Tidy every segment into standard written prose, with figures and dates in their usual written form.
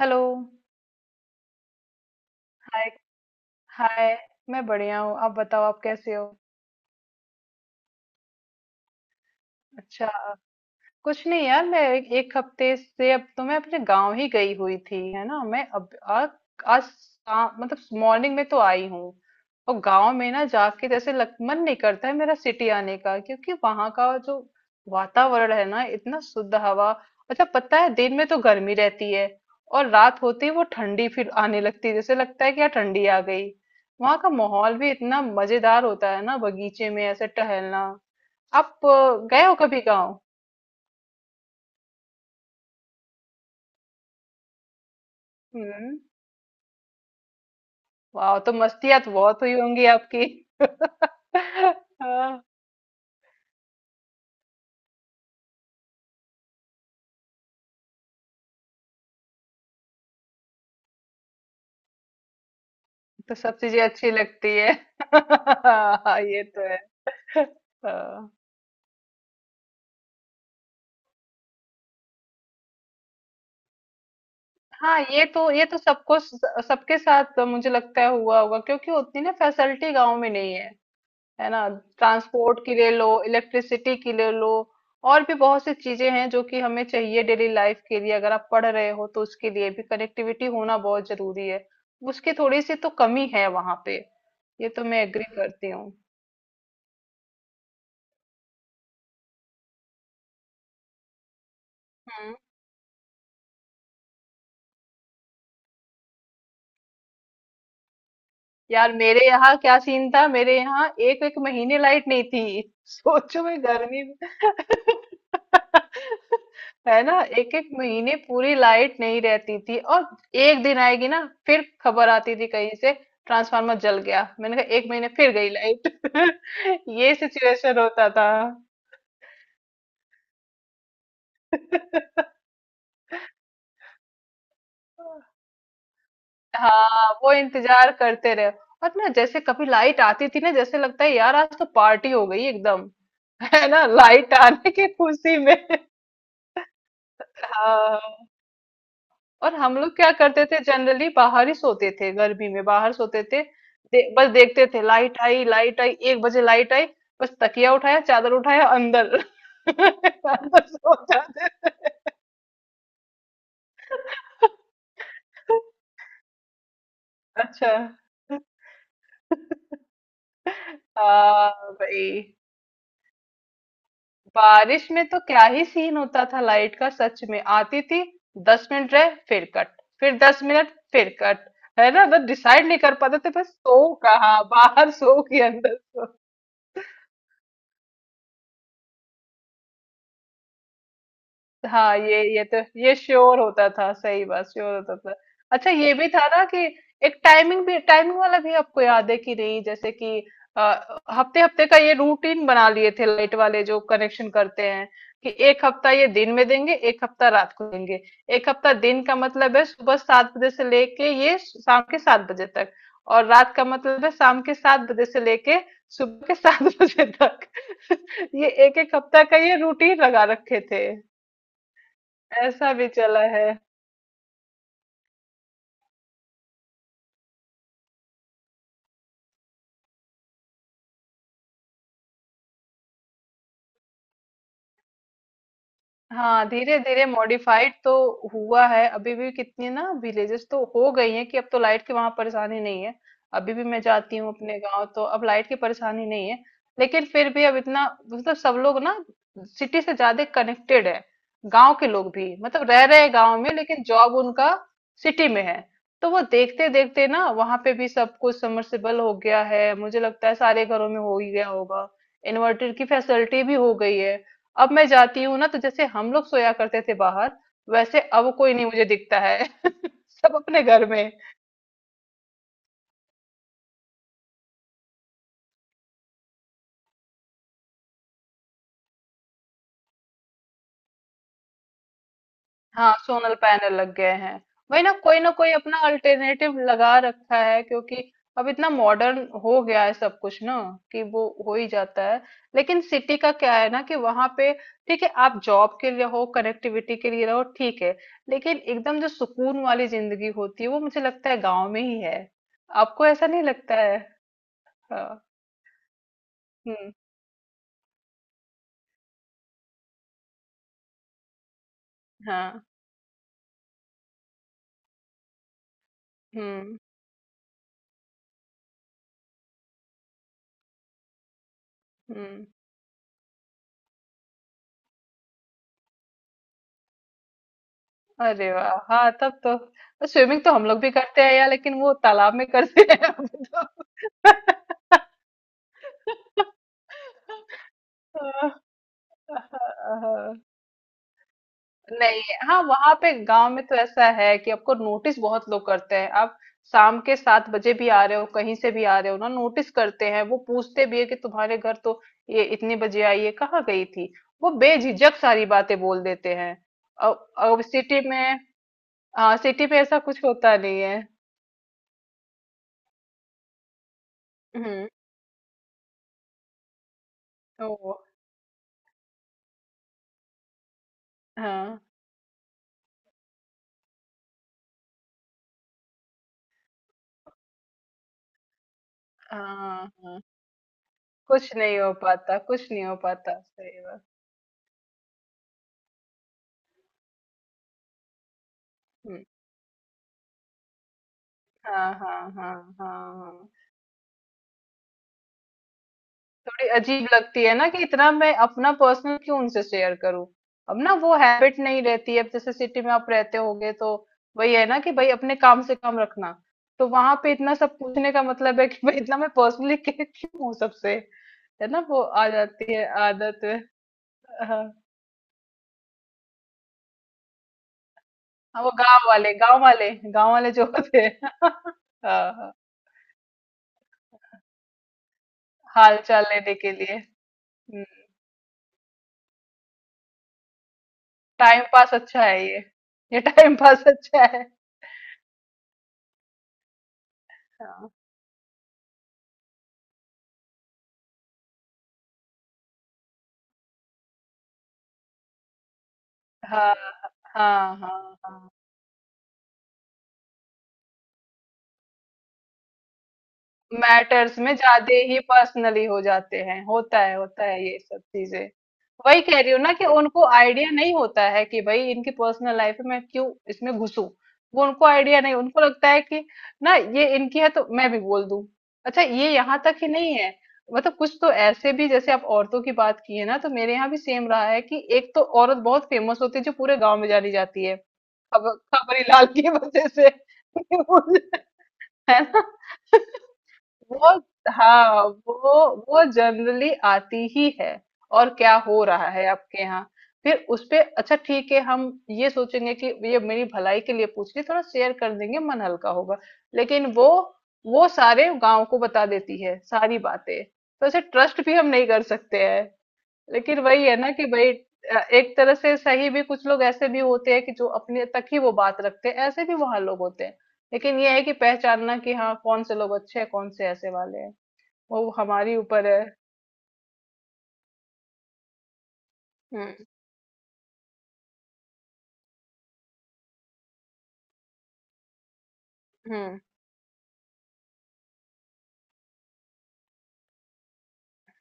Hello. Hi hi. मैं बढ़िया हूँ। आप बताओ आप कैसे हो? अच्छा। कुछ नहीं यार, मैं एक हफ्ते से, अब तो मैं अपने गांव ही गई हुई थी, है ना। मैं अब आज मतलब मॉर्निंग में तो आई हूँ। और गांव में ना जाके जैसे मन नहीं करता है मेरा सिटी आने का, क्योंकि वहां का जो वातावरण है ना, इतना शुद्ध हवा। अच्छा पता है, दिन में तो गर्मी रहती है और रात होती है वो ठंडी, फिर आने लगती है। जैसे लगता है कि यार ठंडी आ गई। वहां का माहौल भी इतना मजेदार होता है ना, बगीचे में ऐसे टहलना। आप गए हो कभी गाँव? हम्म। वाह, तो मस्तियाँ तो बहुत हुई होंगी आपकी। हाँ। तो सब चीजें अच्छी लगती है। हाँ, ये तो है। हाँ। हाँ, ये तो सबको सबके साथ मुझे लगता है हुआ होगा, क्योंकि उतनी ना फैसिलिटी गांव में नहीं है। है ना। ट्रांसपोर्ट के लिए लो, इलेक्ट्रिसिटी के लिए लो। और भी बहुत सी चीजें हैं जो कि हमें चाहिए डेली लाइफ के लिए। अगर आप पढ़ रहे हो तो उसके लिए भी कनेक्टिविटी होना बहुत जरूरी है। उसकी थोड़ी सी तो कमी है वहां पे। ये तो मैं एग्री करती हूँ। हम्म। यार मेरे यहाँ क्या सीन था, मेरे यहाँ एक एक महीने लाइट नहीं थी। सोचो मैं गर्मी। है ना, एक एक महीने पूरी लाइट नहीं रहती थी। और एक दिन आएगी ना, फिर खबर आती थी कहीं से, ट्रांसफार्मर जल गया। मैंने कहा एक महीने फिर गई लाइट। ये सिचुएशन होता था। हाँ वो इंतजार करते रहे। और ना, जैसे कभी लाइट आती थी ना जैसे लगता है यार आज तो पार्टी हो गई एकदम। है ना, लाइट आने की खुशी में। हाँ। और हम लोग क्या करते थे, जनरली बाहर ही सोते थे, गर्मी में बाहर सोते थे। बस देखते थे, लाइट आई लाइट आई, 1 बजे लाइट आई। बस तकिया उठाया, चादर उठाया, अंदर अंदर सो जाते थे। अच्छा हाँ भाई। बारिश में तो क्या ही सीन होता था लाइट का, सच में आती थी, 10 मिनट रहे फिर कट, फिर 10 मिनट फिर कट। है ना, बस डिसाइड नहीं कर पाते थे, बस सो कहाँ, बाहर सो कि अंदर सो। हाँ ये तो ये श्योर होता था, सही बात, श्योर होता था। अच्छा ये भी था ना कि एक टाइमिंग भी, टाइमिंग वाला भी आपको याद है कि नहीं, जैसे कि हफ्ते हफ्ते का ये रूटीन बना लिए थे लाइट वाले जो कनेक्शन करते हैं। कि एक हफ्ता ये दिन में देंगे, एक हफ्ता रात को देंगे। एक हफ्ता दिन का मतलब है सुबह 7 बजे से लेके ये शाम के 7 बजे तक। और रात का मतलब है शाम के 7 बजे से लेके सुबह के 7 बजे तक। ये एक एक हफ्ता का ये रूटीन लगा रखे थे। ऐसा भी चला है। हाँ धीरे धीरे मॉडिफाइड तो हुआ है। अभी भी कितनी ना विलेजेस तो हो गई हैं कि अब तो लाइट की वहां परेशानी नहीं है। अभी भी मैं जाती हूँ अपने गांव तो अब लाइट की परेशानी नहीं है। लेकिन फिर भी अब इतना मतलब सब लोग ना सिटी से ज्यादा कनेक्टेड है। गांव के लोग भी मतलब रह रहे हैं गांव में लेकिन जॉब उनका सिटी में है। तो वो देखते देखते ना वहां पे भी सब कुछ समर्सिबल हो गया है, मुझे लगता है सारे घरों में हो ही गया होगा। इन्वर्टर की फैसिलिटी भी हो गई है। अब मैं जाती हूँ ना तो जैसे हम लोग सोया करते थे बाहर, वैसे अब कोई नहीं मुझे दिखता है। सब अपने घर में। हाँ सोलर पैनल लग गए हैं। वही ना, कोई ना कोई अपना अल्टरनेटिव लगा रखा है, क्योंकि अब इतना मॉडर्न हो गया है सब कुछ ना, कि वो हो ही जाता है। लेकिन सिटी का क्या है ना कि वहां पे ठीक है, आप जॉब के लिए हो, कनेक्टिविटी के लिए रहो, ठीक है। लेकिन एकदम जो सुकून वाली जिंदगी होती है वो मुझे लगता है गांव में ही है। आपको ऐसा नहीं लगता है? हाँ। हम्म। हाँ। हम्म। हम्म। अरे वाह, हाँ तब तो स्विमिंग तो हम लोग भी करते हैं यार, लेकिन वो तालाब में करते हैं हम तो। नहीं। हाँ वहां पे गांव में तो ऐसा है कि आपको नोटिस बहुत लोग करते हैं। आप शाम के 7 बजे भी आ रहे हो, कहीं से भी आ रहे हो ना नोटिस करते हैं। वो पूछते भी है कि तुम्हारे घर तो, ये इतने बजे आई है, कहाँ गई थी। वो बेझिझक सारी बातें बोल देते हैं। अब सिटी में, हाँ सिटी में ऐसा कुछ होता नहीं है। हम्म। ओ। हाँ हाँ हाँ। कुछ नहीं हो पाता, कुछ नहीं हो पाता, सही बात। हम्म। हाँ हाँ हाँ। हाँ हाँ। थोड़ी अजीब लगती है ना कि इतना मैं अपना पर्सनल क्यों उनसे शेयर करूं। अब ना वो हैबिट नहीं रहती है, अब जैसे सिटी में आप रहते होगे तो वही है ना कि भाई अपने काम से काम रखना। तो वहां पे इतना सब पूछने का मतलब है कि भाई, इतना मैं पर्सनली क्यों हूँ सबसे। है ना, वो आ जाती है आदत। हाँ। हाँ, वो गांव वाले गांव वाले गांव वाले जो होते हैं। हाँ, हाल चाल लेने के लिए। टाइम पास अच्छा है ये। ये टाइम पास अच्छा है। हाँ हाँ हाँ हाँ हाँ। मैटर्स में ज्यादा ही पर्सनली हो जाते हैं, होता है ये सब चीजें। वही कह रही हूँ ना कि उनको आइडिया नहीं होता है कि भाई, इनकी पर्सनल लाइफ में मैं क्यों इसमें घुसूं। वो उनको आइडिया नहीं, उनको लगता है कि ना ये इनकी है तो मैं भी बोल दूं। अच्छा ये यहाँ तक ही नहीं है, मतलब कुछ तो ऐसे भी, जैसे आप औरतों की बात की है ना, तो मेरे यहाँ भी सेम रहा है कि एक तो औरत बहुत फेमस होती है जो पूरे गांव में जानी जाती है खबर खबरीलाल की वजह से। है ना। वो। हाँ वो जनरली आती ही है, और क्या हो रहा है आपके यहाँ। फिर उस पे अच्छा ठीक है, हम ये सोचेंगे कि ये मेरी भलाई के लिए पूछ रही है, थोड़ा शेयर कर देंगे, मन हल्का होगा। लेकिन वो सारे गांव को बता देती है सारी बातें, तो ऐसे ट्रस्ट भी हम नहीं कर सकते हैं। लेकिन वही है ना कि भाई एक तरह से सही भी, कुछ लोग ऐसे भी होते हैं कि जो अपने तक ही वो बात रखते हैं, ऐसे भी वहां लोग होते हैं। लेकिन ये है कि पहचानना कि हाँ कौन से लोग अच्छे हैं, कौन से ऐसे वाले हैं, वो हमारी ऊपर है। हम्म। हम्म।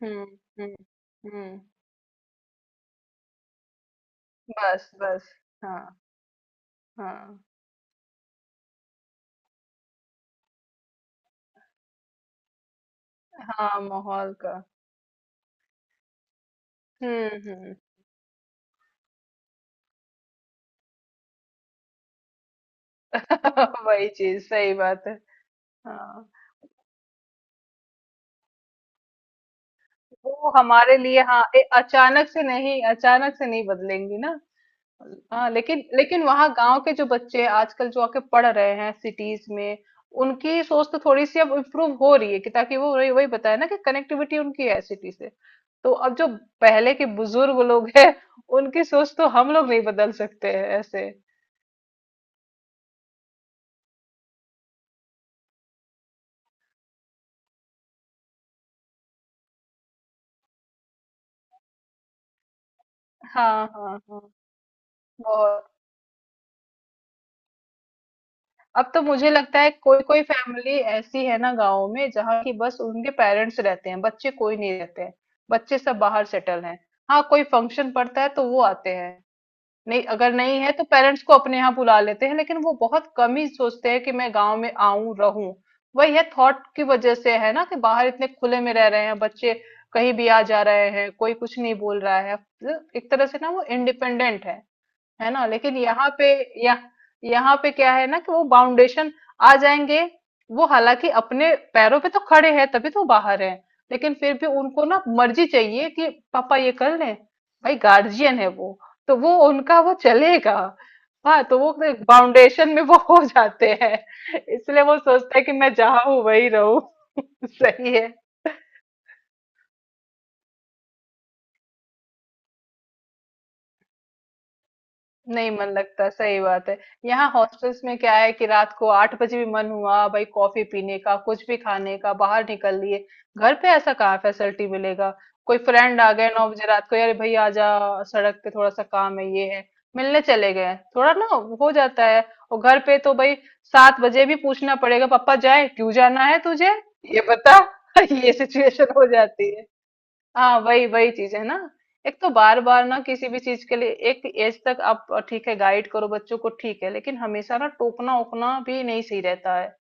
हम्म। हम्म। हम्म, बस बस। हाँ। हाँ हाँ माहौल का। हम्म। हम्म। वही चीज, सही बात है। हाँ वो हमारे लिए हाँ अचानक से नहीं, अचानक से नहीं बदलेंगी ना। हाँ लेकिन लेकिन वहाँ गांव के जो बच्चे आजकल जो आके पढ़ रहे हैं सिटीज में, उनकी सोच तो थोड़ी सी अब इम्प्रूव हो रही है, कि ताकि वो वही वही बताया ना कि कनेक्टिविटी उनकी है सिटी से। तो अब जो पहले के बुजुर्ग लोग हैं उनकी सोच तो हम लोग नहीं बदल सकते हैं ऐसे। हाँ हाँ हाँ बहुत। अब तो मुझे लगता है कोई कोई फैमिली ऐसी है ना गाँव में जहाँ की बस उनके पेरेंट्स रहते हैं, बच्चे कोई नहीं रहते हैं। बच्चे सब बाहर सेटल हैं। हाँ कोई फंक्शन पड़ता है तो वो आते हैं। नहीं, अगर नहीं है तो पेरेंट्स को अपने यहाँ बुला लेते हैं, लेकिन वो बहुत कम ही सोचते हैं कि मैं गांव में आऊं रहूं। वही है थॉट की वजह से, है ना कि बाहर इतने खुले में रह रहे हैं बच्चे, कहीं भी आ जा रहे हैं, कोई कुछ नहीं बोल रहा है। एक तरह से ना वो इंडिपेंडेंट है। है ना। लेकिन यहाँ पे यह यहाँ पे क्या है ना कि वो बाउंडेशन आ जाएंगे। वो हालांकि अपने पैरों पे तो खड़े हैं, तभी तो बाहर हैं। लेकिन फिर भी उनको ना मर्जी चाहिए कि पापा ये कर लें, भाई गार्जियन है वो, तो वो उनका वो चलेगा। हाँ तो वो बाउंडेशन में वो हो जाते हैं। इसलिए वो सोचते हैं कि मैं जहाँ हूँ वही रहूँ। सही है। नहीं मन लगता, सही बात है। यहाँ हॉस्टल्स में क्या है कि रात को 8 बजे भी मन हुआ भाई कॉफी पीने का कुछ भी खाने का, बाहर निकल लिए। घर पे ऐसा कहाँ फैसिलिटी मिलेगा। कोई फ्रेंड आ गए 9 बजे रात को, यार भाई आ जा, सड़क पे थोड़ा सा काम है ये है, मिलने चले गए थोड़ा ना, हो जाता है। और घर पे तो भाई 7 बजे भी पूछना पड़ेगा, पापा जाए क्यों, जाना है तुझे, ये बता। ये सिचुएशन हो जाती। हाँ वही वही चीज है ना। एक तो बार बार ना किसी भी चीज के लिए, एक एज तक आप ठीक है गाइड करो बच्चों को ठीक है, लेकिन हमेशा ना टोकना ओकना भी नहीं सही रहता है।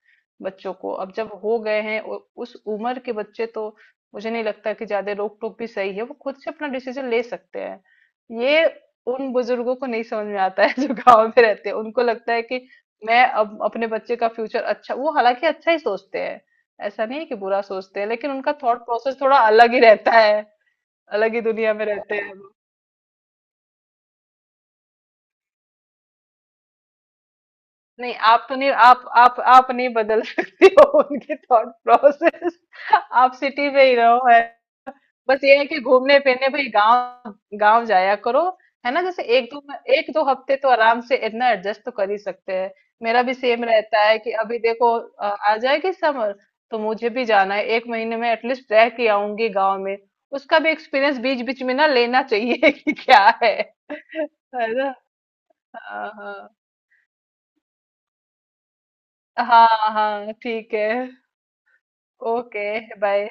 बच्चों को अब जब हो गए हैं उस उम्र के बच्चे तो, मुझे नहीं लगता कि ज्यादा रोक टोक भी सही है, वो खुद से अपना डिसीजन ले सकते हैं ये। उन बुजुर्गों को नहीं समझ में आता है जो गांव में रहते हैं। उनको लगता है कि मैं अब अपने बच्चे का फ्यूचर अच्छा वो हालांकि अच्छा ही सोचते हैं, ऐसा नहीं है कि बुरा सोचते हैं, लेकिन उनका थॉट प्रोसेस थोड़ा अलग ही रहता है। अलग ही दुनिया में रहते हैं वो। नहीं आप तो नहीं, आप नहीं बदल सकती हो उनकी थॉट प्रोसेस। आप सिटी में ही रहो है। बस ये है कि घूमने फिरने भाई गांव, गांव जाया करो। है ना, जैसे एक दो हफ्ते तो आराम से इतना एडजस्ट तो कर ही सकते हैं। मेरा भी सेम रहता है कि अभी देखो आ जाएगी समर, तो मुझे भी जाना है एक महीने में एटलीस्ट रह के आऊंगी गांव में। उसका भी एक्सपीरियंस बीच बीच में ना लेना चाहिए कि क्या है। है ना। हाँ हाँ हाँ। हाँ ठीक है। Okay bye.